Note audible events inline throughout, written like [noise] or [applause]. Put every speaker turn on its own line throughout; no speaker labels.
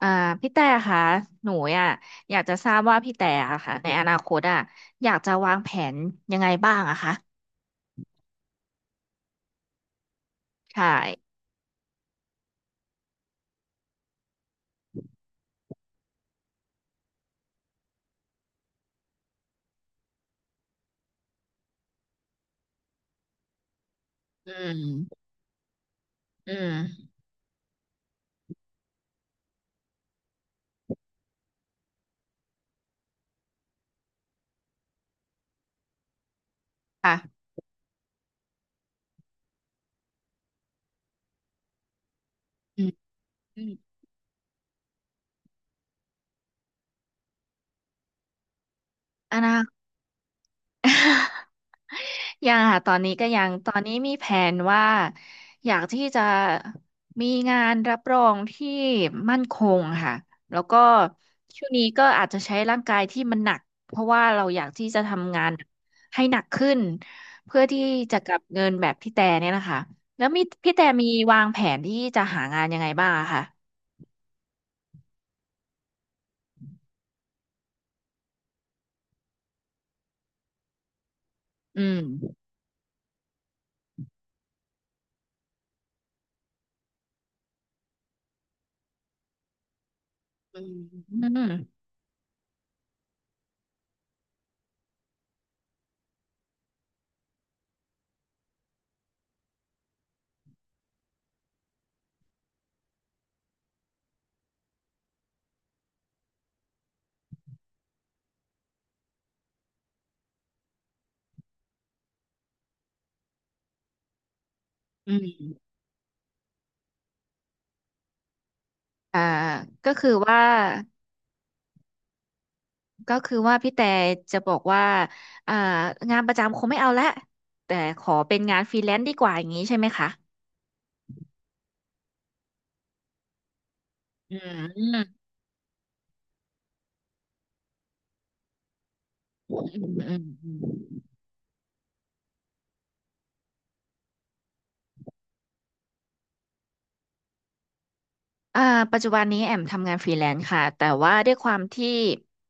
อ่าพี่แต่ค่ะหนูอ่ะอยากจะทราบว่าพี่แต่อะค่ะในอนาคตอยากจะวางแผนยังไงบ้างอะคะใช่อืมอืมค่ะอืมอมอนา [laughs] คต ยังค่ะตอนนี้ก็ยังตอนนี้มีแผนว่าอยากที่จะมีงานรับรองที่มั่นคงค่ะแล้วก็ช่วงนี้ก็อาจจะใช้ร่างกายที่มันหนักเพราะว่าเราอยากที่จะทำงานให้หนักขึ้นเพื่อที่จะกลับเงินแบบพี่แต่เนี่ยนะคะแล้วมีพี่แต่มีวางแผนที่จะหางานยังไงบ้างอะค่ะอืมอืมอืมอืมอ่าก็คือว่า ก็คือว่าพี่แต่จะบอกว่าอ่างานประจำคงไม่เอาละแต่ขอเป็นงานฟรีแลนซ์ดีกว่าอย่างนี้ใช่ไหมคะอืมอืมอืมอืม อ่าปัจจุบันนี้แอมทำงานฟรีแลนซ์ค่ะแต่ว่าด้วยความที่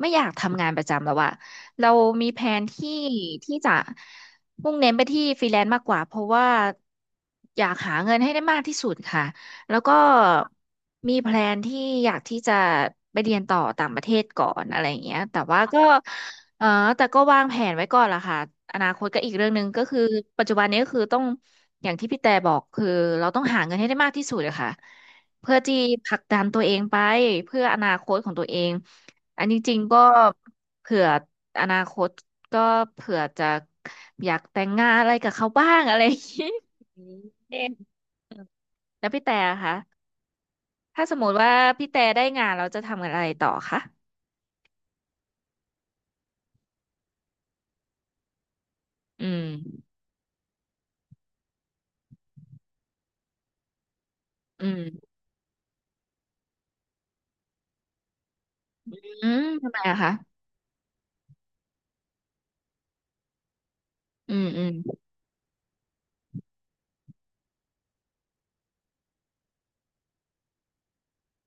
ไม่อยากทำงานประจำแล้วอะเรามีแผนที่จะมุ่งเน้นไปที่ฟรีแลนซ์มากกว่าเพราะว่าอยากหาเงินให้ได้มากที่สุดค่ะแล้วก็มีแพลนที่อยากที่จะไปเรียนต่อต่างประเทศก่อนอะไรอย่างเงี้ยแต่ว่าก็เออแต่ก็วางแผนไว้ก่อนล่ะค่ะอนาคตก็อีกเรื่องหนึ่งก็คือปัจจุบันนี้ก็คือต้องอย่างที่พี่แต่บอกคือเราต้องหาเงินให้ได้มากที่สุดอะค่ะ เพื่อที่ผลักดันตัวเองไปเพื่ออนาคตของตัวเองอันนี้จริงก็เผื่ออนาคตก็เผื่อจะอยากแต่งงานอะไรกับเขาบ้างอะไรอย่างนี้ [laughs] อืมเองแล้วพี่แต่อะคะถ้าสมมติว่าพี่แต่ได้งานเราจะทำอะไรต่อคะอืมอืมอืมทำไมอะคะอืมอืม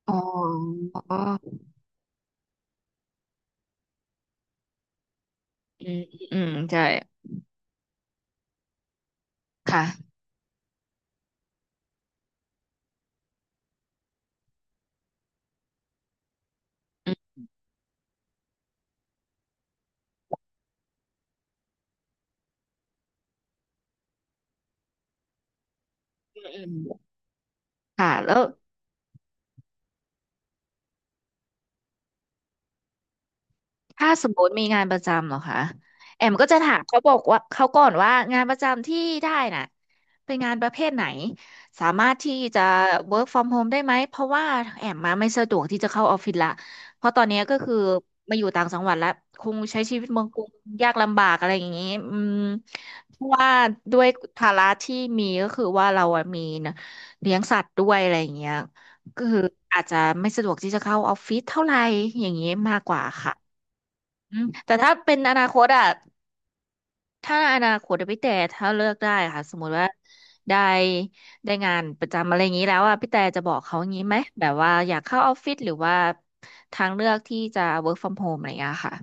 อ๋ออืมอืมใช่ค่ะอืมอืมค่ะแล้ว ถ้าสมมติมีงานประจำเหรอคะแอมก็จะถามเขาบอกว่าเขาก่อนว่างานประจำที่ได้น่ะเป็นงานประเภทไหนสามารถที่จะ work from home ได้ไหมเพราะว่าแอมมาไม่สะดวกที่จะเข้าออฟฟิศละเพราะตอนเนี้ยก็คือมาอยู่ต่างจังหวัดแล้วคงใช้ชีวิตเมืองกรุงยากลำบากอะไรอย่างนี้อืมเพราะว่าด้วยภาระที่มีก็คือว่าเราอะมีนะเลี้ยงสัตว์ด้วยอะไรอย่างเงี้ยก็คืออาจจะไม่สะดวกที่จะเข้าออฟฟิศเท่าไหร่อย่างนี้มากกว่าค่ะ อืมแต่ถ้าเป็นอนาคตอะถ้าอนาคตอะพี่แต่ถ้าเลือกได้ค่ะสมมติว่าได้ได้งานประจำอะไรอย่างนี้แล้วอะพี่แต่จะบอกเขาอย่างนี้ไหมแบบว่าอยากเข้าออฟฟิศหรือว่าทางเลือกที่จะ work from home อะไรอย่างเงี้ยค่ะ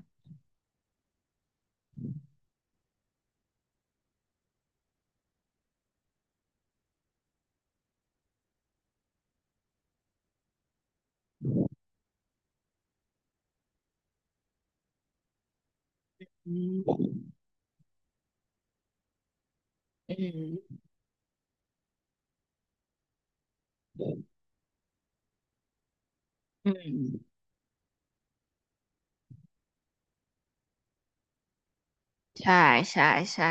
อืมอืมอืมใช่ใช่ใช่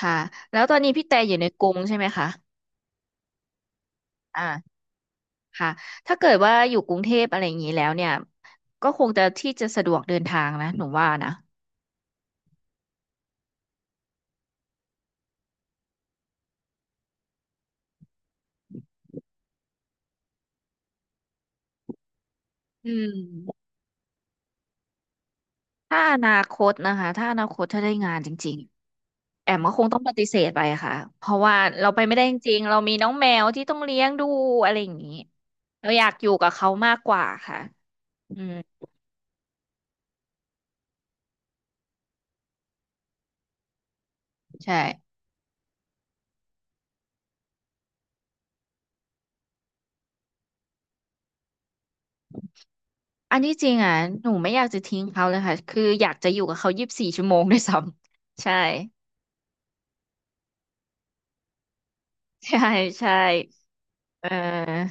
ค่ะแล้วตอนนี้พี่แต่อยู่ในกรุงใช่ไหมคะอ่าค่ะถ้าเกิดว่าอยู่กรุงเทพอะไรอย่างนี้แล้วเนี่ยก็คงจะที่จะสะดวกเดินทางนะหนูว่านะอืม ถ้าอนาคตนะคะถ้าอนาคตถ้าได้งานจริงๆแอมก็คงต้องปฏิเสธไปค่ะเพราะว่าเราไปไม่ได้จริงๆเรามีน้องแมวที่ต้องเลี้ยงดูอะไรอย่างนี้เราอยากอยู่กับเขามากกว่าค่ะอืมใช่อันนี้จริงอ่ะหนูไม่อยากจะทิ้งเขาเลยค่ะคืออยากจะอยู่กับเขา24 ชั่วโมงด้วยซ้ำใช่ [laughs] ใช่ใช่เออ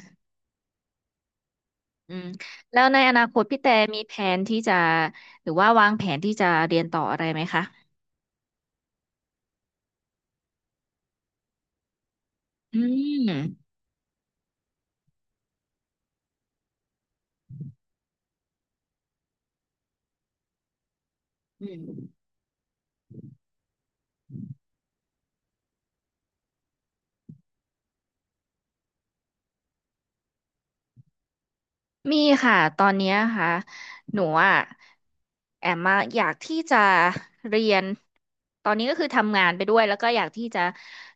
อืมแล้วในอนาคตพี่แต่มีแผนที่จะหรือว่าวางแผนที่จะเรียนต่ออะไรไหมคะอืมอืม มีค่ะตอนเนี้ยค่ะหนูอ่ะแอมมาอยากที่จะเรียนตอนนี้ก็คือทำงานไปด้วยแล้วก็อยากที่จะ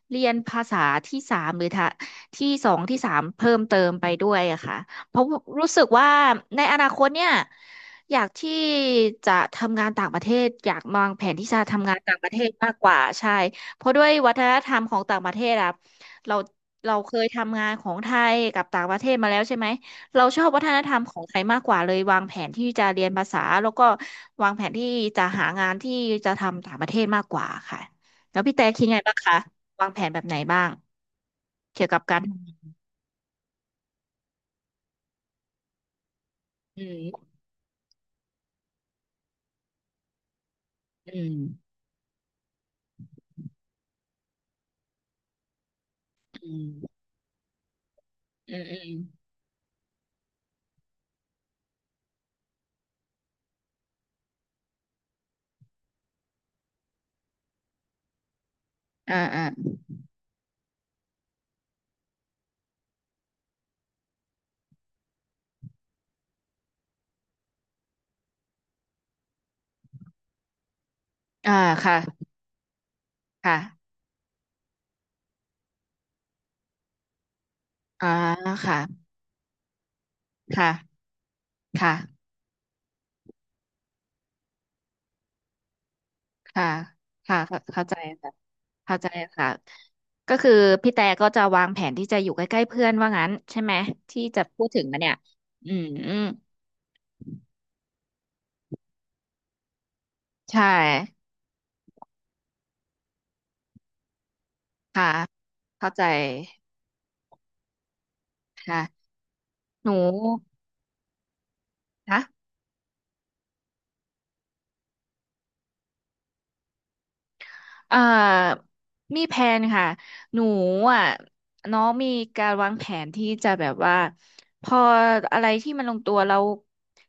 เรียนภาษาที่สามหรือทะที่สองที่สามเพิ่มเติมไปด้วยอะค่ะเพราะรู้สึกว่าในอนาคตเนี่ยอยากที่จะทำงานต่างประเทศอยากวางแผนที่จะทำงานต่างประเทศมากกว่าใช่เพราะด้วยวัฒนธรรมของต่างประเทศอะเราเราเคยทำงานของไทยกับต่างประเทศมาแล้วใช่ไหม เราชอบวัฒนธรรมของไทยมากกว่าเลยวางแผนที่จะเรียนภาษาแล้วก็วางแผนที่จะหางานที่จะทำต่างประเทศมากกว่าค่ะแล้วพี่แต่คิดไงบ้างคะวางแผนแบบไหนบ้างเกี่ยวกับการอืมอืมอืมอืมอืมอ่าอ่าอ่าค่ะค่ะอ่าค่ะค่ะค่ะค่ะค่ะเข้าเข้าใจค่ะเข้าใจค่ะก็คือพี่แต่ก็จะวางแผนที่จะอยู่ใกล้ๆเพื่อนว่างั้นใช่ไหมที่จะพูดถึงมาเนี่ยอืม ใช่ค่ะเข้าใจค่ะหนูนะเอ่อมีแผนค่ะหนูอ่ะน้องมีการวางแผนที่จะแบบว่าพออะไรที่มันลงตัวเรา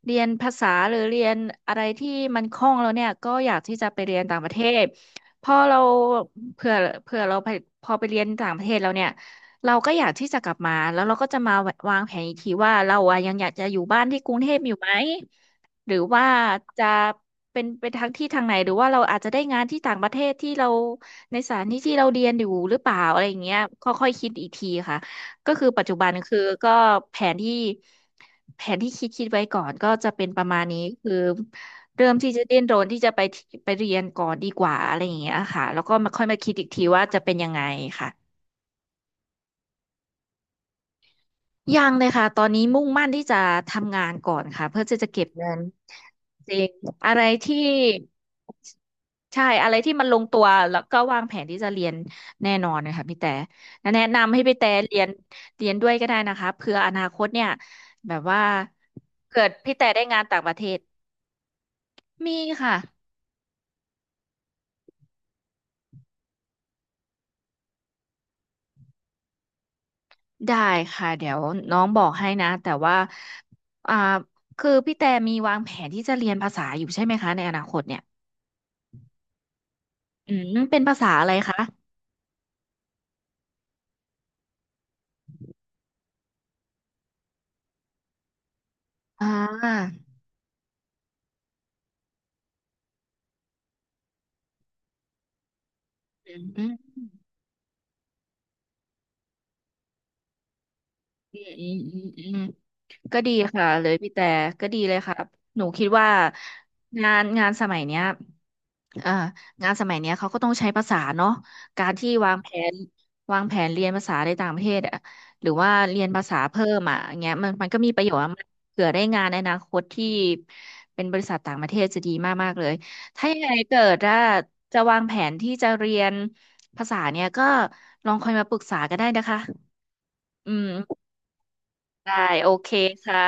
เรียนภาษาหรือเรียนอะไรที่มันคล่องแล้วเนี่ยก็อยากที่จะไปเรียนต่างประเทศพอเราเผื่อเผื่อเราไปพอไปเรียนต่างประเทศแล้วเนี่ยเราก็อยากที่จะกลับมาแล้วเราก็จะมาวางแผนอีกทีว่าเราอ่ะยังอยากจะอยู่บ้านที่กรุงเทพอยู่ไหม หรือว่าจะเป็นเปนทางที่ทางไหนหรือว่าเราอาจจะได้งานที่ต่างประเทศที่เราในสถานที่ที่เราเรียนอยู่หรือเปล่าอะไรอย่างเงี้ยค่อยๆคิดอีกทีค่ะก็คือปัจจุบันคือก็แผนที่แผนที่คิดไว้ก่อนก็จะเป็นประมาณนี้คือเริ่มที่จะดิ้นรนที่จะไปที่ไปเรียนก่อนดีกว่าอะไรอย่างเงี้ยค่ะแล้วก็มาค่อยมาคิดอีกทีว่าจะเป็นยังไงค่ะยังเลยค่ะตอนนี้มุ่งมั่นที่จะทำงานก่อนค่ะเพื่อที่จะเก็บเงินจริงอะไรที่ ใช่อะไรที่มันลงตัวแล้วก็วางแผนที่จะเรียนแน่นอนนะคะพี่แต่และแนะนำให้พี่แต่เรียนเรียนด้วยก็ได้นะคะเผื่ออนาคตเนี่ยแบบว่าเกิดพี่แต่ได้งานต่างประเทศมีค่ะได้ค่ะเดี๋ยวน้องบอกให้นะแต่ว่าอ่าคือพี่แต่มีวางแผนที่จะเรียนภาษาอยู่ใช่ไหมคะในอนาคตเนี่ยอืมเป็นภาษาอะไรคะอ่าอืมอืมอืมอืมอืม ก็ดีค่ะเลยพี่แต่ก็ดีเลยครับหนูคิดว่างานงานสมัยเนี้ยเอ่องานสมัยเนี้ยเขาก็ต้องใช้ภาษาเนาะการที่นวางแผนเรียนภาษาในต่างประเทศอะหรือว่าเรียนภาษาเพิ่มอ่ะอย่างเงี้ยมันก็มีประโยชน์อะมันเผื่อได้งานในอนาคตที่เป็นบริษัทต่างประเทศจะดีมากมากเลยถ้ายังไงเกิดว่าจะวางแผนที่จะเรียนภาษาเนี่ยก็ลองคอยมาปรึกษากันได้นะคะอืมได้โอเคค่ะ